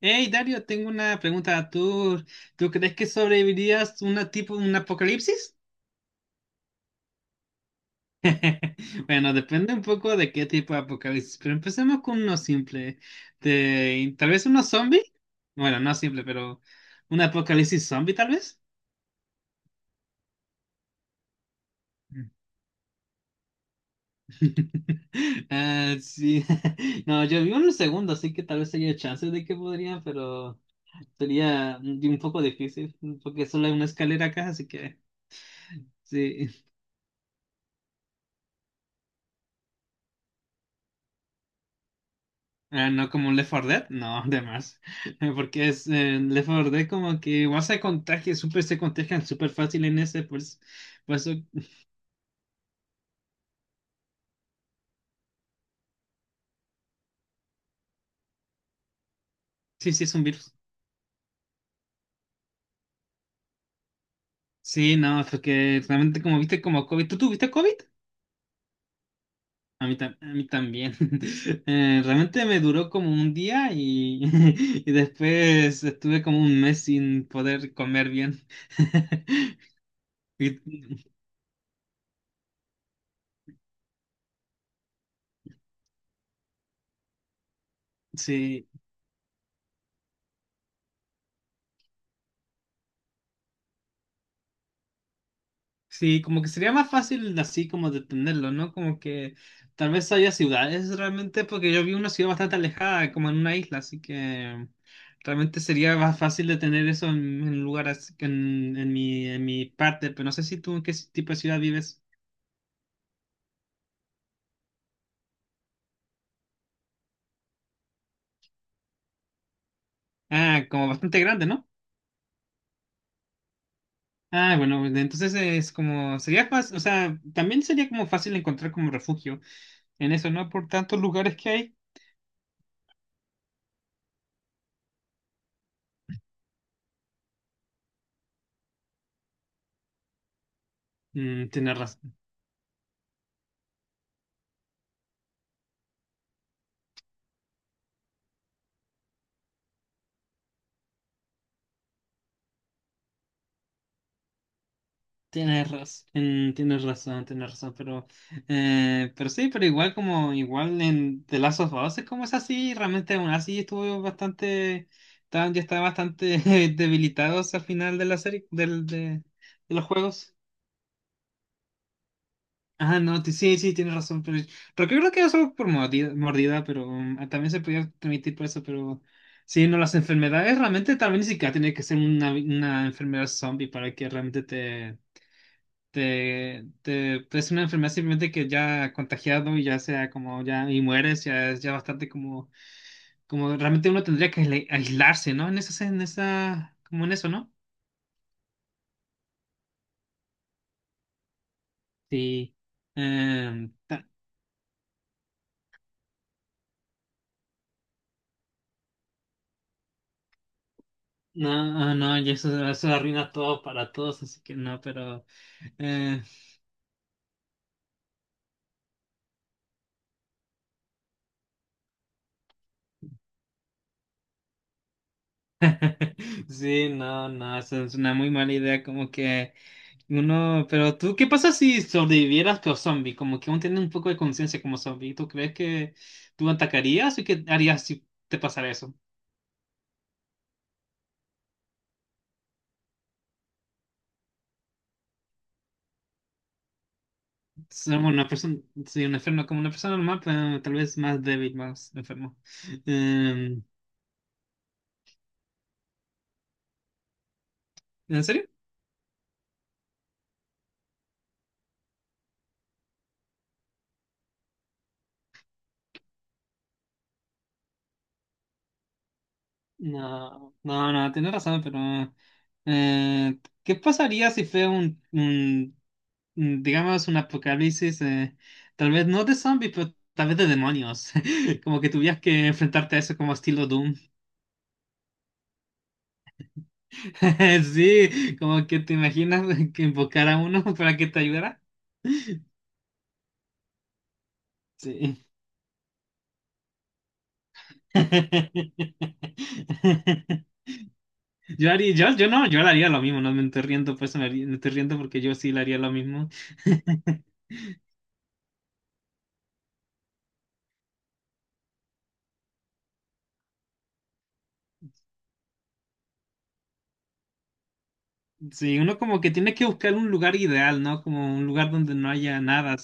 Hey Dario, tengo una pregunta. ¿Tú crees que sobrevivirías una tipo un apocalipsis? Bueno, depende un poco de qué tipo de apocalipsis, pero empecemos con uno simple. Tal vez uno zombie. Bueno, no simple, pero un apocalipsis zombie tal vez. Ah, sí. No, yo vi uno segundo, así que tal vez haya chances de que podrían, pero sería un poco difícil, porque solo hay una escalera acá, así que sí. Ah, no como un Left 4 Dead, no, de más. Porque es Left 4 Dead como que igual se contagia, súper se contagian súper fácil en ese, pues, por eso sí, sí es un virus. Sí, no, porque realmente como viste como COVID, ¿tú tuviste COVID? A mí, a mí también. Realmente me duró como un día y, y después estuve como un mes sin poder comer bien. Y- Sí, sí, como que sería más fácil así como detenerlo, ¿no? Como que tal vez haya ciudades realmente, porque yo vi una ciudad bastante alejada, como en una isla, así que realmente sería más fácil detener eso en lugares, que en, en mi parte, pero no sé si tú en qué tipo de ciudad vives. Ah, como bastante grande, ¿no? Ah, bueno, bueno, entonces es como, sería fácil, o sea, también sería como fácil encontrar como refugio en eso, ¿no? Por tantos lugares que hay. Mm, tienes razón. Tienes razón, tienes razón, tienes razón, pero sí, pero igual como igual en The Last of Us es como es así, realmente aún así estuvo bastante, yo estaba bastante debilitado al final de la serie, del, de los juegos. Ah, no, sí, sí, tienes razón, pero yo creo que eso por mordida, mordida, pero ah, también se podía permitir por eso, pero sí, no, las enfermedades realmente también ni siquiera tiene que ser una enfermedad zombie para que realmente te pues, es una enfermedad simplemente que ya ha contagiado y ya sea como ya y mueres, ya es ya bastante como, como realmente uno tendría que aislarse, ¿no? En esa, como en eso, ¿no? Sí. Em, ta- no, ah, no, y eso arruina todo para todos, así que no, pero eh, sí, no, no, eso es una muy mala idea, como que uno, pero tú, ¿qué pasa si sobrevivieras pero zombie? Como que uno tiene un poco de conciencia como zombie. ¿Tú crees que tú atacarías o qué harías si te pasara eso? Ser una persona, sí, un enfermo como una persona normal, pero tal vez más débil, más enfermo. Em, ¿En serio? No, no, no, tienes razón, pero ¿qué pasaría si fue un digamos, un apocalipsis, tal vez no de zombie, pero tal vez de demonios. Como que tuvieras que enfrentarte a eso como estilo Doom. Sí, como que te imaginas que invocar a uno para que te ayudara. Sí. Yo haría, yo no, yo le haría lo mismo, no me estoy riendo, pues me, me estoy riendo porque yo sí le haría lo mismo. Sí, uno como que tiene que buscar un lugar ideal, ¿no? Como un lugar donde no haya nada.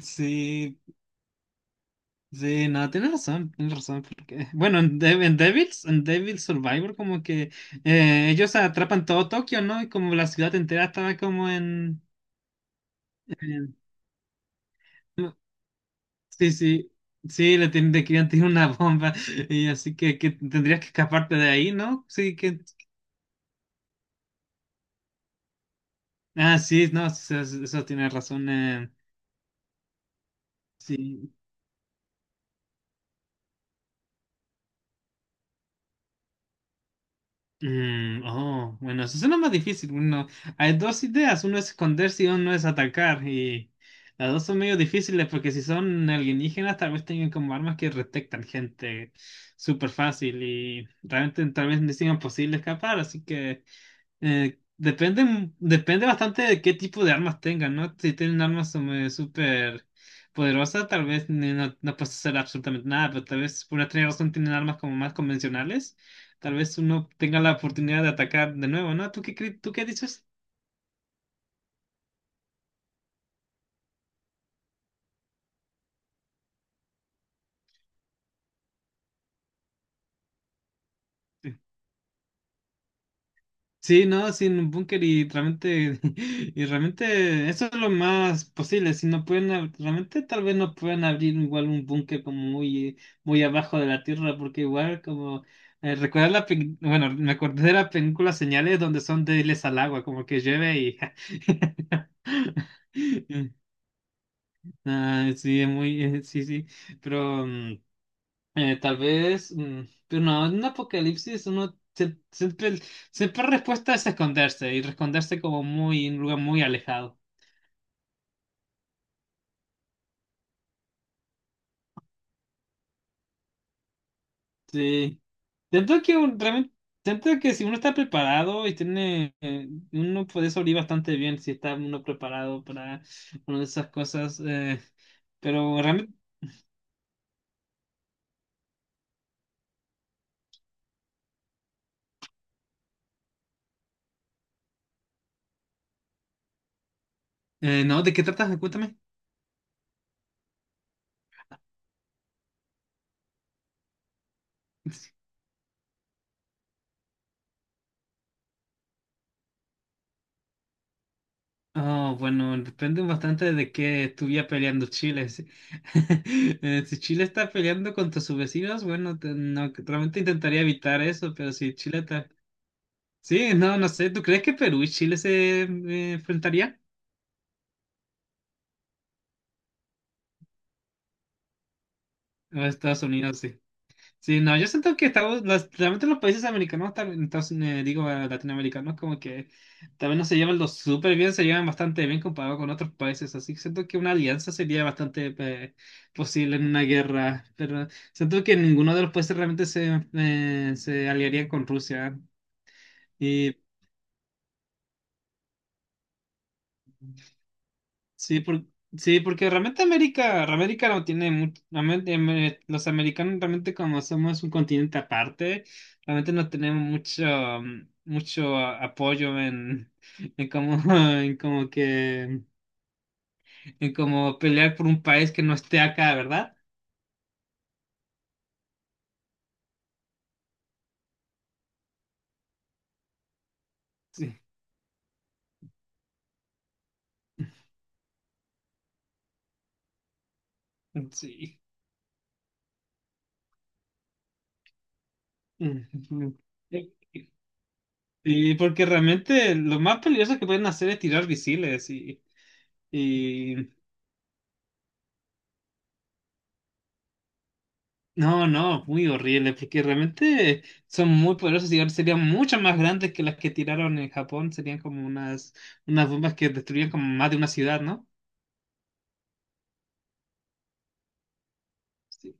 Sí, sí, no, tienes razón, porque, bueno, en, en Devils, en Devil Survivor, como que ellos atrapan todo Tokio, ¿no? Y como la ciudad entera estaba como en, en- no, sí, sí, sí, le, le querían tirar una bomba, y así que tendrías que escaparte de ahí, ¿no? Sí, que, ah, sí, no, sí, sí, eso tienes razón, sí, mm, oh, bueno, eso suena más difícil. Uno, hay dos ideas, uno es esconderse y uno es atacar. Y las dos son medio difíciles porque si son alienígenas tal vez tengan como armas que detectan gente súper fácil y realmente tal vez no sea posible escapar. Así que depende, depende bastante de qué tipo de armas tengan, ¿no? Si tienen armas súper poderosas, tal vez no, no puedes hacer absolutamente nada, pero tal vez por otra razón tienen armas como más convencionales. Tal vez uno tenga la oportunidad de atacar de nuevo, ¿no? ¿Tú qué, tú qué dices? Sí, no, sin un búnker y realmente, y realmente eso es lo más posible. Si no pueden, realmente tal vez no puedan abrir igual un búnker como muy, muy abajo de la tierra, porque igual como recordar la, bueno, me acordé de la película Señales donde son débiles al agua, como que llueve y ah, sí, es muy, sí, sí, pero tal vez, pero no, en un apocalipsis uno siempre, siempre respuesta es esconderse y esconderse como muy en un lugar muy alejado. Sí. Siento que realmente, siento que si uno está preparado y tiene, uno puede sobrevivir bastante bien si está uno preparado para una de esas cosas. Pero realmente, no, ¿de qué tratas? Cuéntame. Oh, bueno, depende bastante de qué estuviera peleando Chile. Si, eh, si Chile está peleando contra sus vecinos, bueno, no, realmente intentaría evitar eso, pero si Chile está... Sí, no, no sé, ¿tú crees que Perú y Chile se enfrentarían? O Estados Unidos, sí. Sí, no, yo siento que estamos, realmente los países americanos, entonces, digo latinoamericanos, como que también no se llevan lo súper bien, se llevan bastante bien comparado con otros países, así que siento que una alianza sería bastante posible en una guerra, pero siento que ninguno de los países realmente se, se aliaría con Rusia. Sí, sí, porque realmente América, América no tiene mucho, realmente, los americanos realmente como somos un continente aparte, realmente no tenemos mucho, mucho apoyo en como, en como que, en como pelear por un país que no esté acá, ¿verdad? Sí. Sí. Ujú. Sí, porque realmente lo más peligroso que pueden hacer es tirar misiles y, no, no, muy horrible, porque realmente son muy poderosos y ahora serían mucho más grandes que las que tiraron en Japón, serían como unas, unas bombas que destruían como más de una ciudad, ¿no? Sí,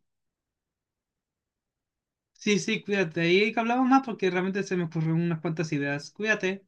sí, sí, cuídate, ahí hablamos más porque realmente se me ocurrieron unas cuantas ideas, cuídate.